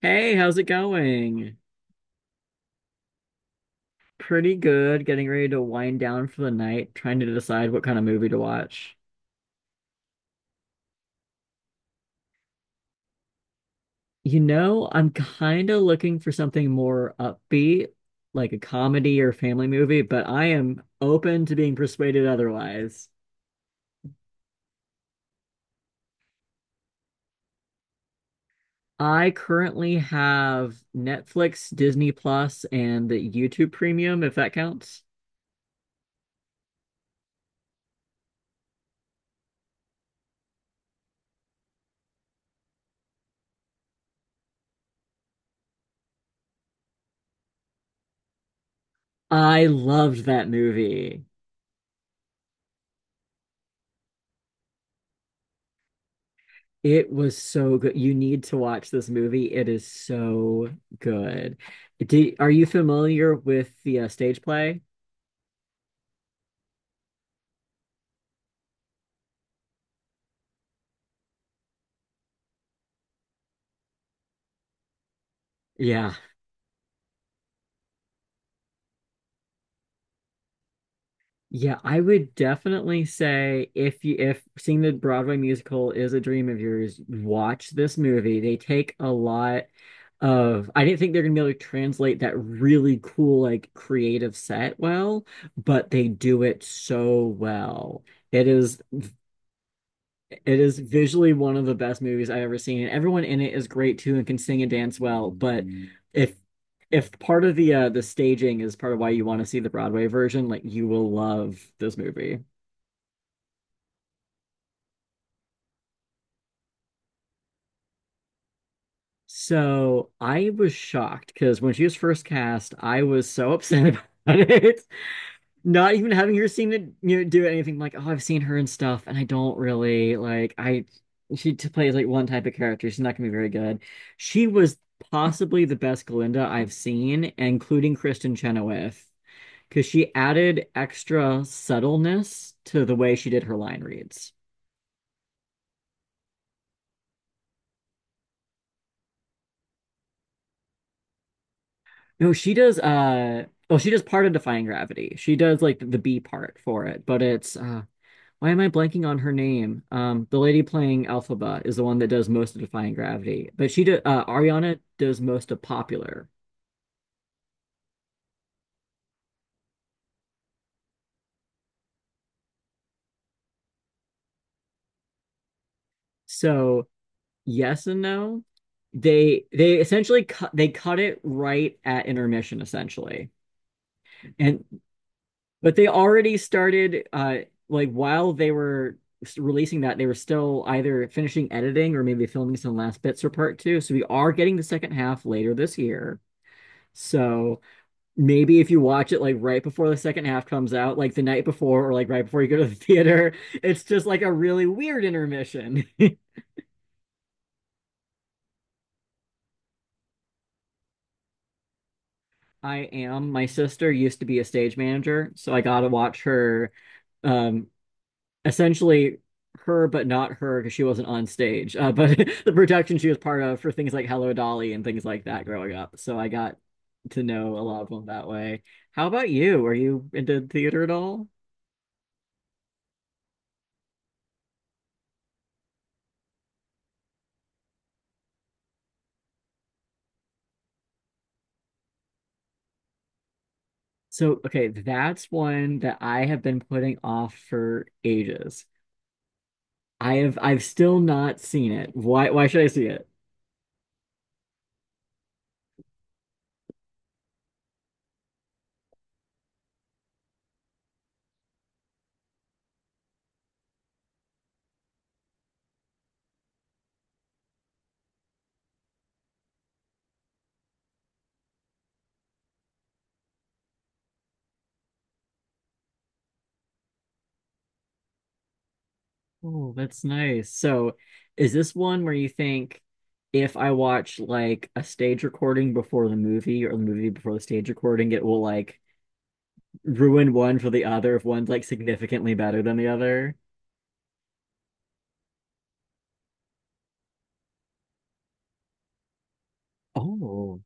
Hey, how's it going? Pretty good. Getting ready to wind down for the night, trying to decide what kind of movie to watch. You know, I'm kind of looking for something more upbeat, like a comedy or family movie, but I am open to being persuaded otherwise. I currently have Netflix, Disney Plus, and the YouTube Premium, if that counts. I loved that movie. It was so good. You need to watch this movie. It is so good. Are you familiar with the stage play? Yeah. Yeah, I would definitely say if seeing the Broadway musical is a dream of yours, watch this movie. They take a lot of I didn't think they're gonna be able to translate that really cool like creative set well, but they do it so well. It is It is visually one of the best movies I've ever seen. And everyone in it is great too and can sing and dance well. But if if part of the staging is part of why you want to see the Broadway version, like you will love this movie. So I was shocked because when she was first cast, I was so upset about it. Not even having her seen it, you know, do anything like, oh, I've seen her and stuff, and I don't really like plays like one type of character. She's not gonna be very good. She was possibly the best Glinda I've seen, including Kristen Chenoweth, because she added extra subtleness to the way she did her line reads. No, she does well, she does part of Defying Gravity. She does like the B part for it, but it's why am I blanking on her name? The lady playing Elphaba is the one that does most of Defying Gravity, but she did Ariana does most of Popular. So yes and no. They essentially cut they cut it right at intermission essentially, and but they already started like while they were releasing that they were still either finishing editing or maybe filming some last bits for part two. So we are getting the second half later this year. So maybe if you watch it like right before the second half comes out, like the night before or like right before you go to the theater, it's just like a really weird intermission. I am. My sister used to be a stage manager, so I got to watch her um essentially her but not her because she wasn't on stage. But the production she was part of for things like Hello Dolly and things like that growing up. So I got to know a lot of them that way. How about you? Are you into theater at all? So, okay, that's one that I have been putting off for ages. I've still not seen it. Why should I see it? Oh, that's nice. So, is this one where you think if I watch like a stage recording before the movie or the movie before the stage recording, it will like ruin one for the other if one's like significantly better than the other. Oh.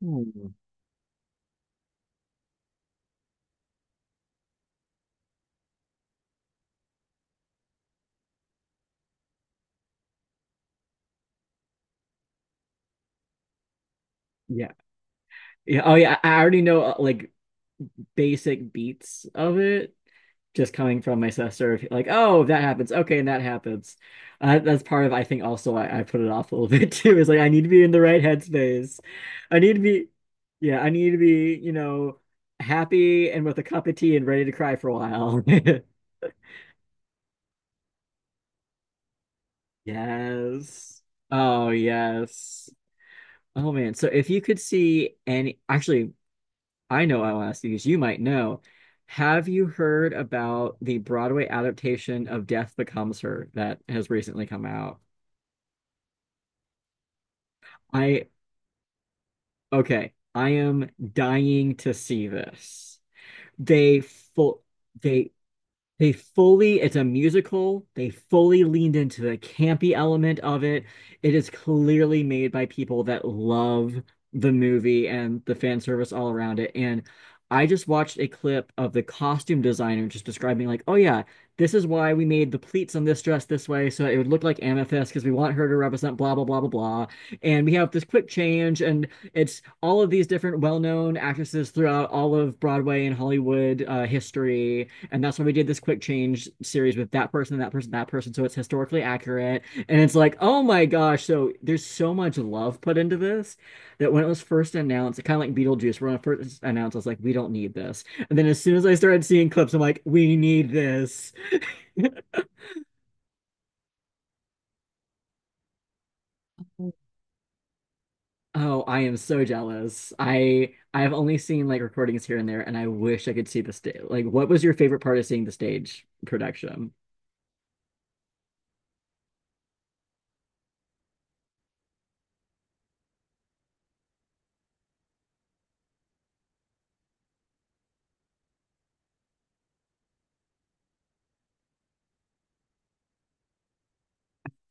Hmm. Yeah. Yeah. Oh, yeah. I already know like basic beats of it just coming from my sister. If- like, oh, that happens. Okay. And that happens. That's part of, I think, also I put it off a little bit too. Is like, I need to be in the right headspace. I need to be, yeah, I need to be, you know, happy and with a cup of tea and ready to cry for a while. Yes. Oh, yes. Oh man. So if you could see any, actually, I know I'll ask you because you might know. Have you heard about the Broadway adaptation of Death Becomes Her that has recently come out? I, okay, I am dying to see this. They full, they They fully, it's a musical. They fully leaned into the campy element of it. It is clearly made by people that love the movie and the fan service all around it. And I just watched a clip of the costume designer just describing, like, oh yeah, this is why we made the pleats on this dress this way so it would look like Amethyst because we want her to represent blah, blah, blah, blah, blah. And we have this quick change, and it's all of these different well-known actresses throughout all of Broadway and Hollywood history and that's why we did this quick change series with that person, that person, that person. So it's historically accurate. And it's like, oh my gosh. So there's so much love put into this that when it was first announced, kind of like Beetlejuice, when it first announced, I was like, we don't need this. And then as soon as I started seeing clips, I'm like, we need this. Oh, I am so jealous. I have only seen like recordings here and there, and I wish I could see the stage. Like, what was your favorite part of seeing the stage production?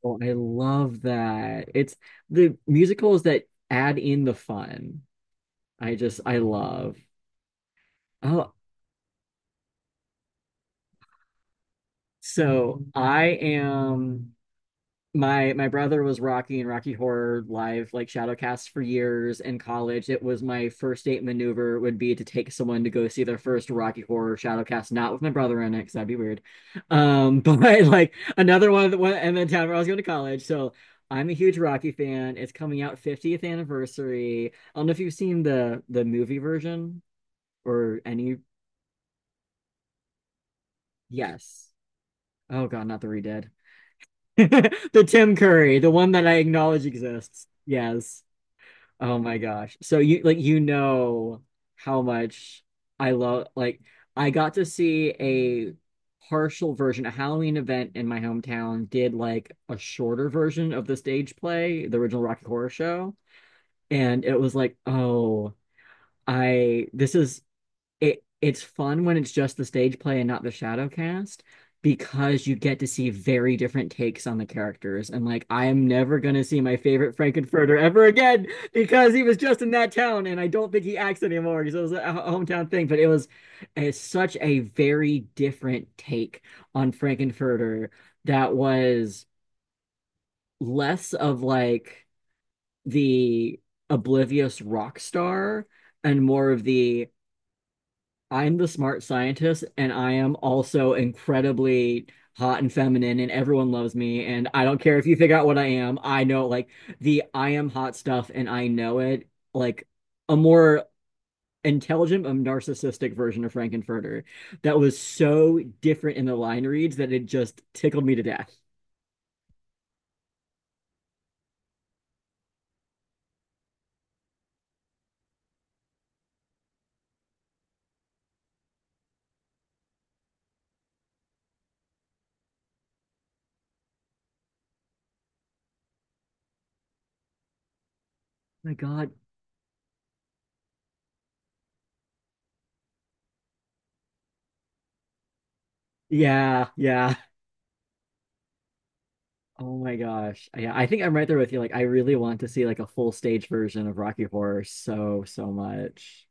Oh, I love that. It's the musicals that add in the fun. I just, I love. Oh, so I am. My brother was rocking Rocky Horror Live like Shadowcast for years in college. It was my first date maneuver would be to take someone to go see their first Rocky Horror Shadowcast, not with my brother in it, because that'd be weird. But like another one that went and then town where I was going to college. So I'm a huge Rocky fan. It's coming out 50th anniversary. I don't know if you've seen the movie version or any. Yes. Oh God, not the redid. The Tim Curry, the one that I acknowledge exists. Yes. Oh my gosh. So you like you know how much I love like I got to see a partial version, a Halloween event in my hometown did like a shorter version of the stage play, the original Rocky Horror Show, and it was like, "Oh, I this is it's fun when it's just the stage play and not the shadow cast because you get to see very different takes on the characters and like I am never gonna see my favorite Frankenfurter ever again because he was just in that town and I don't think he acts anymore because it was a hometown thing but it was it's such a very different take on Frankenfurter that was less of like the oblivious rock star and more of the I'm the smart scientist, and I am also incredibly hot and feminine, and everyone loves me. And I don't care if you figure out what I am. I know, like, the I am hot stuff, and I know it. Like, a more intelligent, narcissistic version of Frankenfurter that was so different in the line reads that it just tickled me to death. My God. Yeah, yeah. Oh my gosh. Yeah, I think I'm right there with you. Like, I really want to see like a full stage version of Rocky Horror so, so much.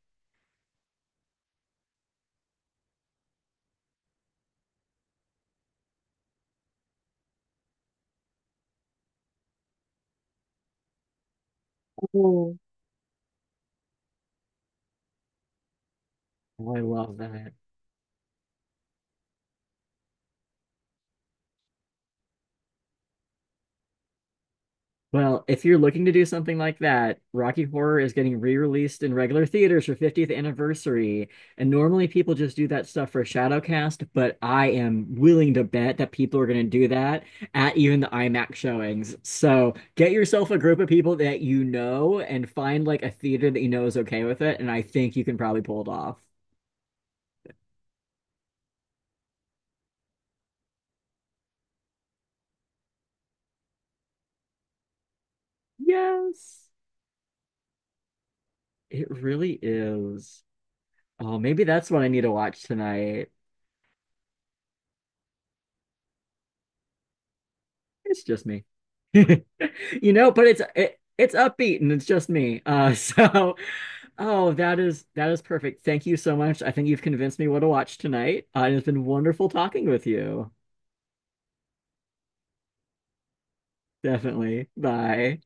Oh, I love that. Well, if you're looking to do something like that, Rocky Horror is getting re-released in regular theaters for 50th anniversary. And normally people just do that stuff for Shadowcast, but I am willing to bet that people are going to do that at even the IMAX showings. So get yourself a group of people that you know and find like a theater that you know is okay with it. And I think you can probably pull it off. Yes, it really is. Oh, maybe that's what I need to watch tonight. It's just me. you know, but it's upbeat and it's just me. So oh, that is perfect. Thank you so much. I think you've convinced me what to watch tonight. It's been wonderful talking with you. Definitely. Bye.